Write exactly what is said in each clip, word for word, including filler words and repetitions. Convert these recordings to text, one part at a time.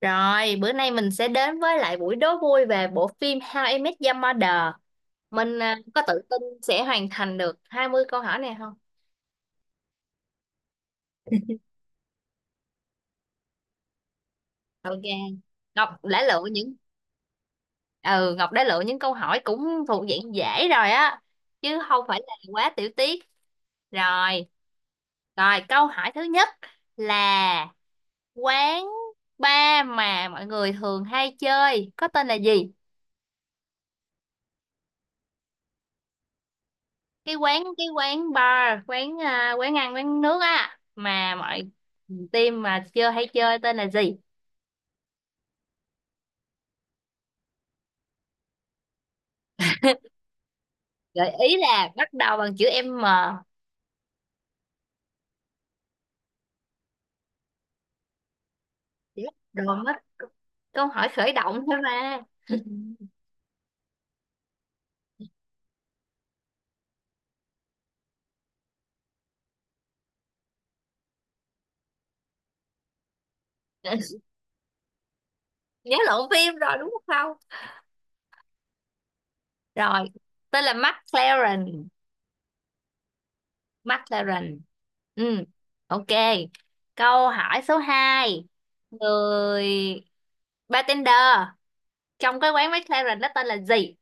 Rồi, bữa nay mình sẽ đến với lại buổi đố vui về bộ phim How I Met Your Mother. Mình à, có tự tin sẽ hoàn thành được hai mươi câu hỏi này không? Ok. Ngọc đã lựa những ừ, Ngọc đã lựa những câu hỏi cũng thuộc dạng dễ rồi á, chứ không phải là quá tiểu tiết. Rồi, rồi câu hỏi thứ nhất là quán bar mà mọi người thường hay chơi có tên là gì? cái quán cái quán bar quán à, quán ăn quán nước á mà mọi team mà chưa hay chơi tên là gì? Gợi ý là bắt đầu bằng chữ M. Chữ đồ mất, câu hỏi khởi động thôi mà. Nhớ lộn phim rồi đúng không? Rồi, tên là McLaren McLaren Ừ, ok. Câu hỏi số hai, người bartender trong cái quán McLaren đó tên là gì?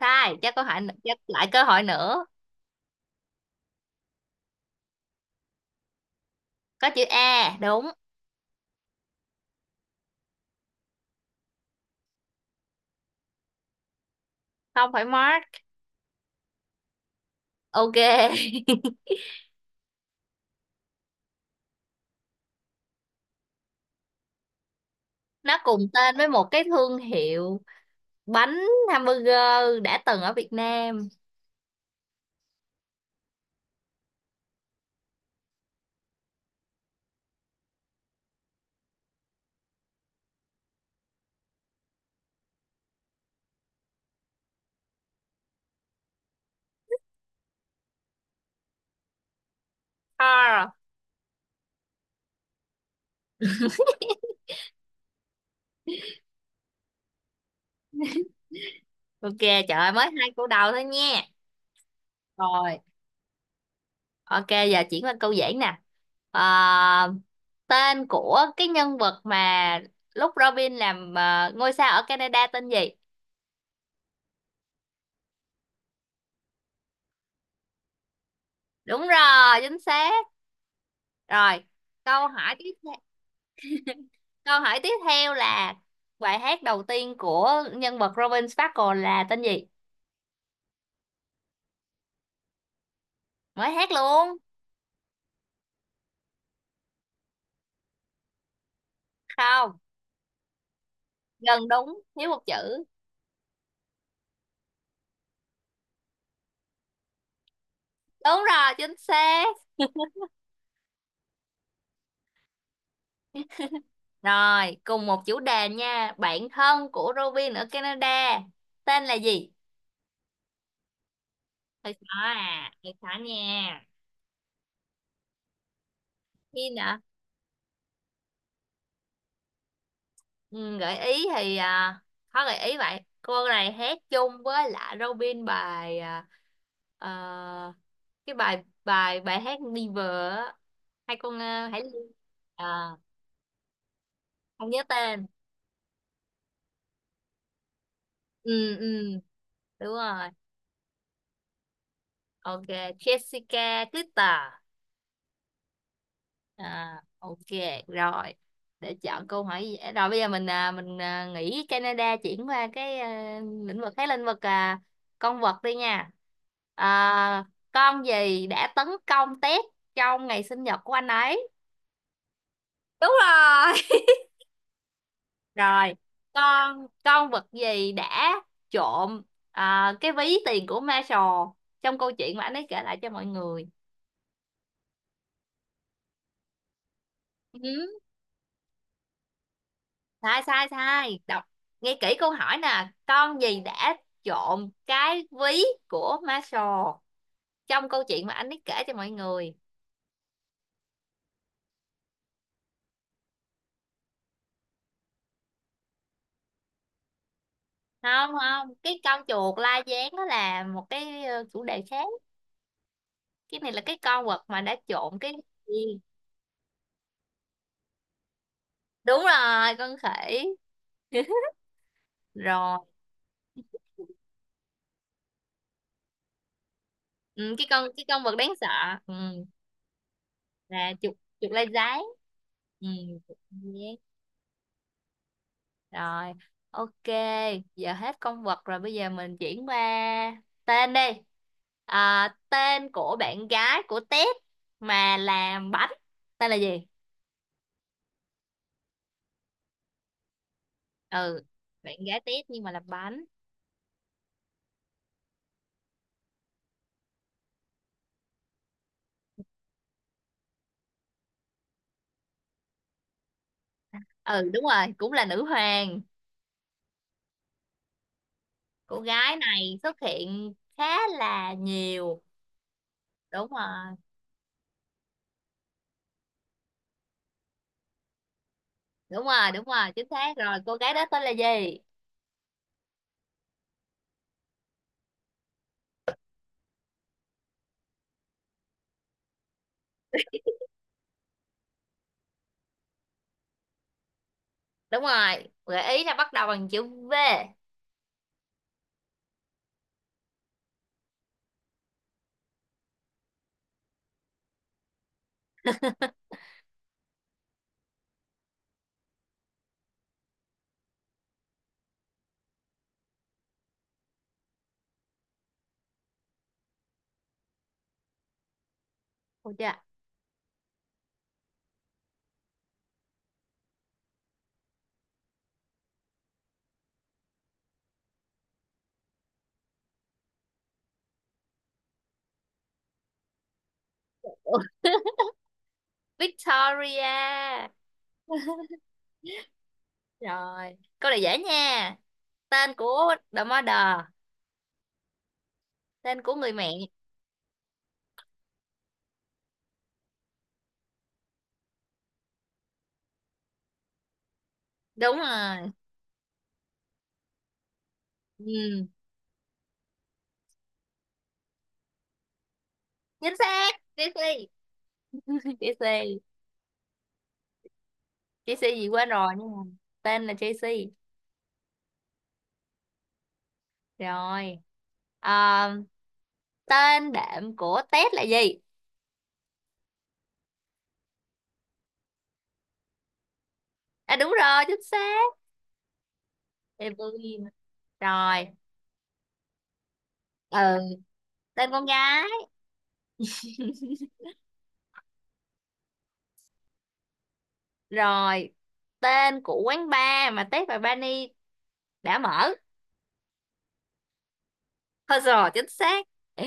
Sai, cho câu hỏi n- cho lại cơ hội nữa. Có chữ A đúng. Không phải Mark. Ok. Nó cùng tên với một cái thương hiệu bánh hamburger đã từng ở Việt Nam. Carl. Ok, trời ơi, mới hai câu đầu thôi nha. Rồi, ok, giờ chuyển qua câu dễ nè. Ờ, tên của cái nhân vật mà lúc Robin làm ờ, ngôi sao ở Canada tên gì? Đúng rồi, chính xác. Rồi, câu hỏi tiếp theo Câu hỏi tiếp theo là bài hát đầu tiên của nhân vật Robin Sparkle là tên gì? Mới hát luôn. Không, gần đúng, thiếu một chữ. Đúng rồi, chính xác. Rồi, cùng một chủ đề nha. Bạn thân của Robin ở Canada tên là gì? Hơi khó à, hơi khó nha. Khi nở ừ, gợi ý thì à, có gợi ý vậy, cô này hát chung với lại Robin bài à, ờ, cái bài bài bài hát Never á. Hai con à, hãy Liên. À, không nhớ tên. Ừ ừ Đúng rồi. Ok, Jessica Twitter. À, ok. Rồi, để chọn câu hỏi dễ rồi, bây giờ mình à, mình à, nghĩ Canada chuyển qua cái à, lĩnh vực cái lĩnh vực à, con vật đi nha. À, con gì đã tấn công Ted trong ngày sinh nhật của anh ấy? Đúng rồi. Rồi, con con vật gì đã trộm à, cái ví tiền của Marshall trong câu chuyện mà anh ấy kể lại cho mọi người? Ừ. Sai sai sai, đọc nghe kỹ câu hỏi nè. Con gì đã trộm cái ví của Marshall trong câu chuyện mà anh ấy kể cho mọi người? Không không, cái con chuột la gián đó là một cái ờ, chủ đề khác. Cái này là cái con vật mà đã trộm cái gì? Đúng rồi, con khỉ. Rồi. Ừ, cái con cái con vật đáng sợ. Ừ, là chuột, chuột la gián. Ừ. Rồi, ok, giờ hết con vật rồi, bây giờ mình chuyển qua tên đi. À, tên của bạn gái của Tết mà làm bánh, tên là gì? Ừ, bạn gái Tết nhưng mà làm bánh. Ừ, đúng rồi, cũng là nữ hoàng. Cô gái này xuất hiện khá là nhiều. Đúng rồi, đúng rồi, đúng rồi, chính xác rồi. Cô gái đó tên là gì? Đúng rồi, gợi ý là bắt đầu bằng chữ V. Được chưa? Victoria. Rồi, câu này dễ nha. Tên của The Mother, tên của người mẹ. Đúng rồi. Ừ, chính xác. Tracy. Tracy. Tracy gì quên rồi nhưng mà tên là Tracy. Rồi. À, tên đệm của Ted là gì? À đúng rồi, chính xác. Evelyn. Rồi. Ừ, tên con gái. Rồi. Tên của quán bar mà Ted và Barney đã mở. Thôi rồi, chính xác. Ừ,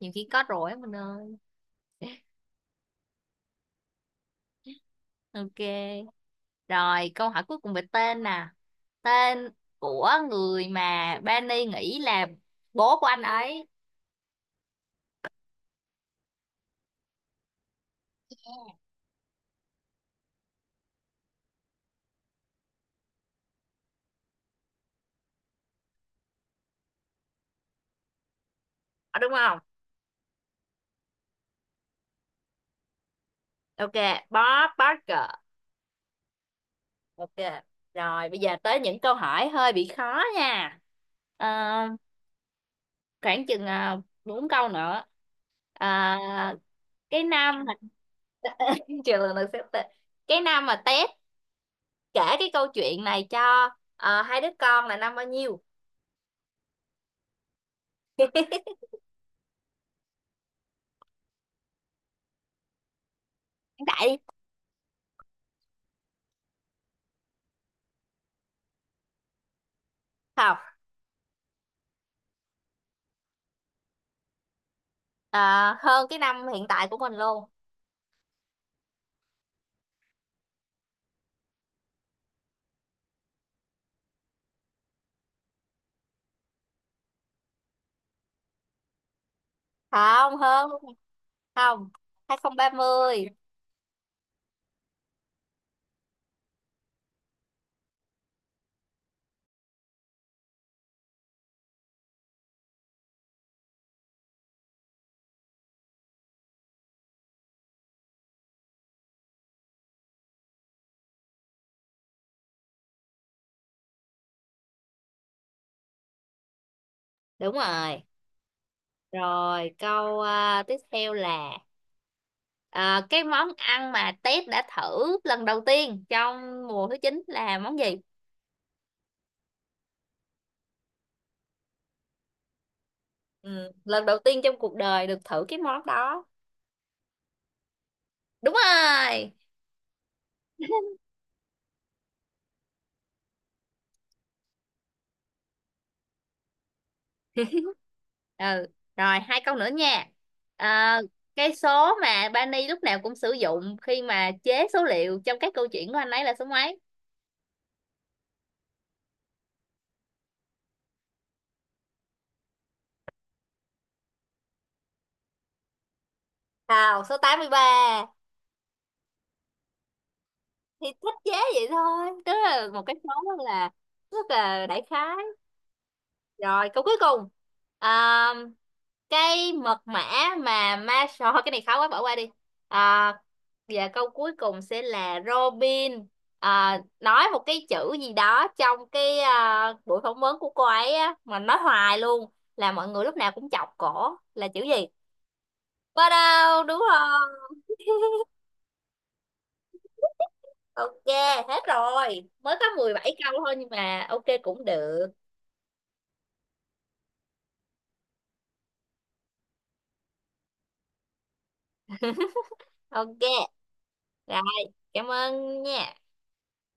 nhiều khi có rồi á mình ơi. Ok. Rồi, câu hỏi cuối cùng về tên nè. Tên của người mà Benny nghĩ là bố của anh ấy. Ờ, đúng không? Ok, Bob Barker. Ok. Rồi, bây giờ tới những câu hỏi hơi bị khó nha. Ờ, khoảng chừng uh, bốn câu nữa. Ờ, cái năm mà chờ lần lượt xếp tên. Cái năm mà Ted kể cái câu chuyện này cho ờ, hai đứa con là năm bao nhiêu? Hiện tại đi. Không. Ờ, hơn cái năm hiện tại của mình luôn. Không hơn, không, hai không ba mươi. Đúng rồi. Rồi, câu à, tiếp theo là à, cái món ăn mà Tết đã thử lần đầu tiên trong mùa thứ chín là món gì? Ừ, lần đầu tiên trong cuộc đời được thử cái món đó. Đúng rồi. Ừ. Rồi, hai câu nữa nha. À, cái số mà Bani lúc nào cũng sử dụng khi mà chế số liệu trong các câu chuyện của anh ấy là số mấy? Nào, số tám mươi ba. Thì thích chế vậy thôi, tức là một cái món rất là rất là đại khái. Rồi, câu cuối cùng. À, cái mật mã mà ma sò cái này khó quá, bỏ qua đi. À, và câu cuối cùng sẽ là Robin à, nói một cái chữ gì đó trong cái à, buổi phỏng vấn của cô ấy á, mà nói hoài luôn, là mọi người lúc nào cũng chọc cổ là chữ gì? Ba đâu, đúng rồi. Ok, hết rồi, mới có mười bảy câu thôi nhưng mà ok cũng được. Ok, rồi, cảm ơn nha.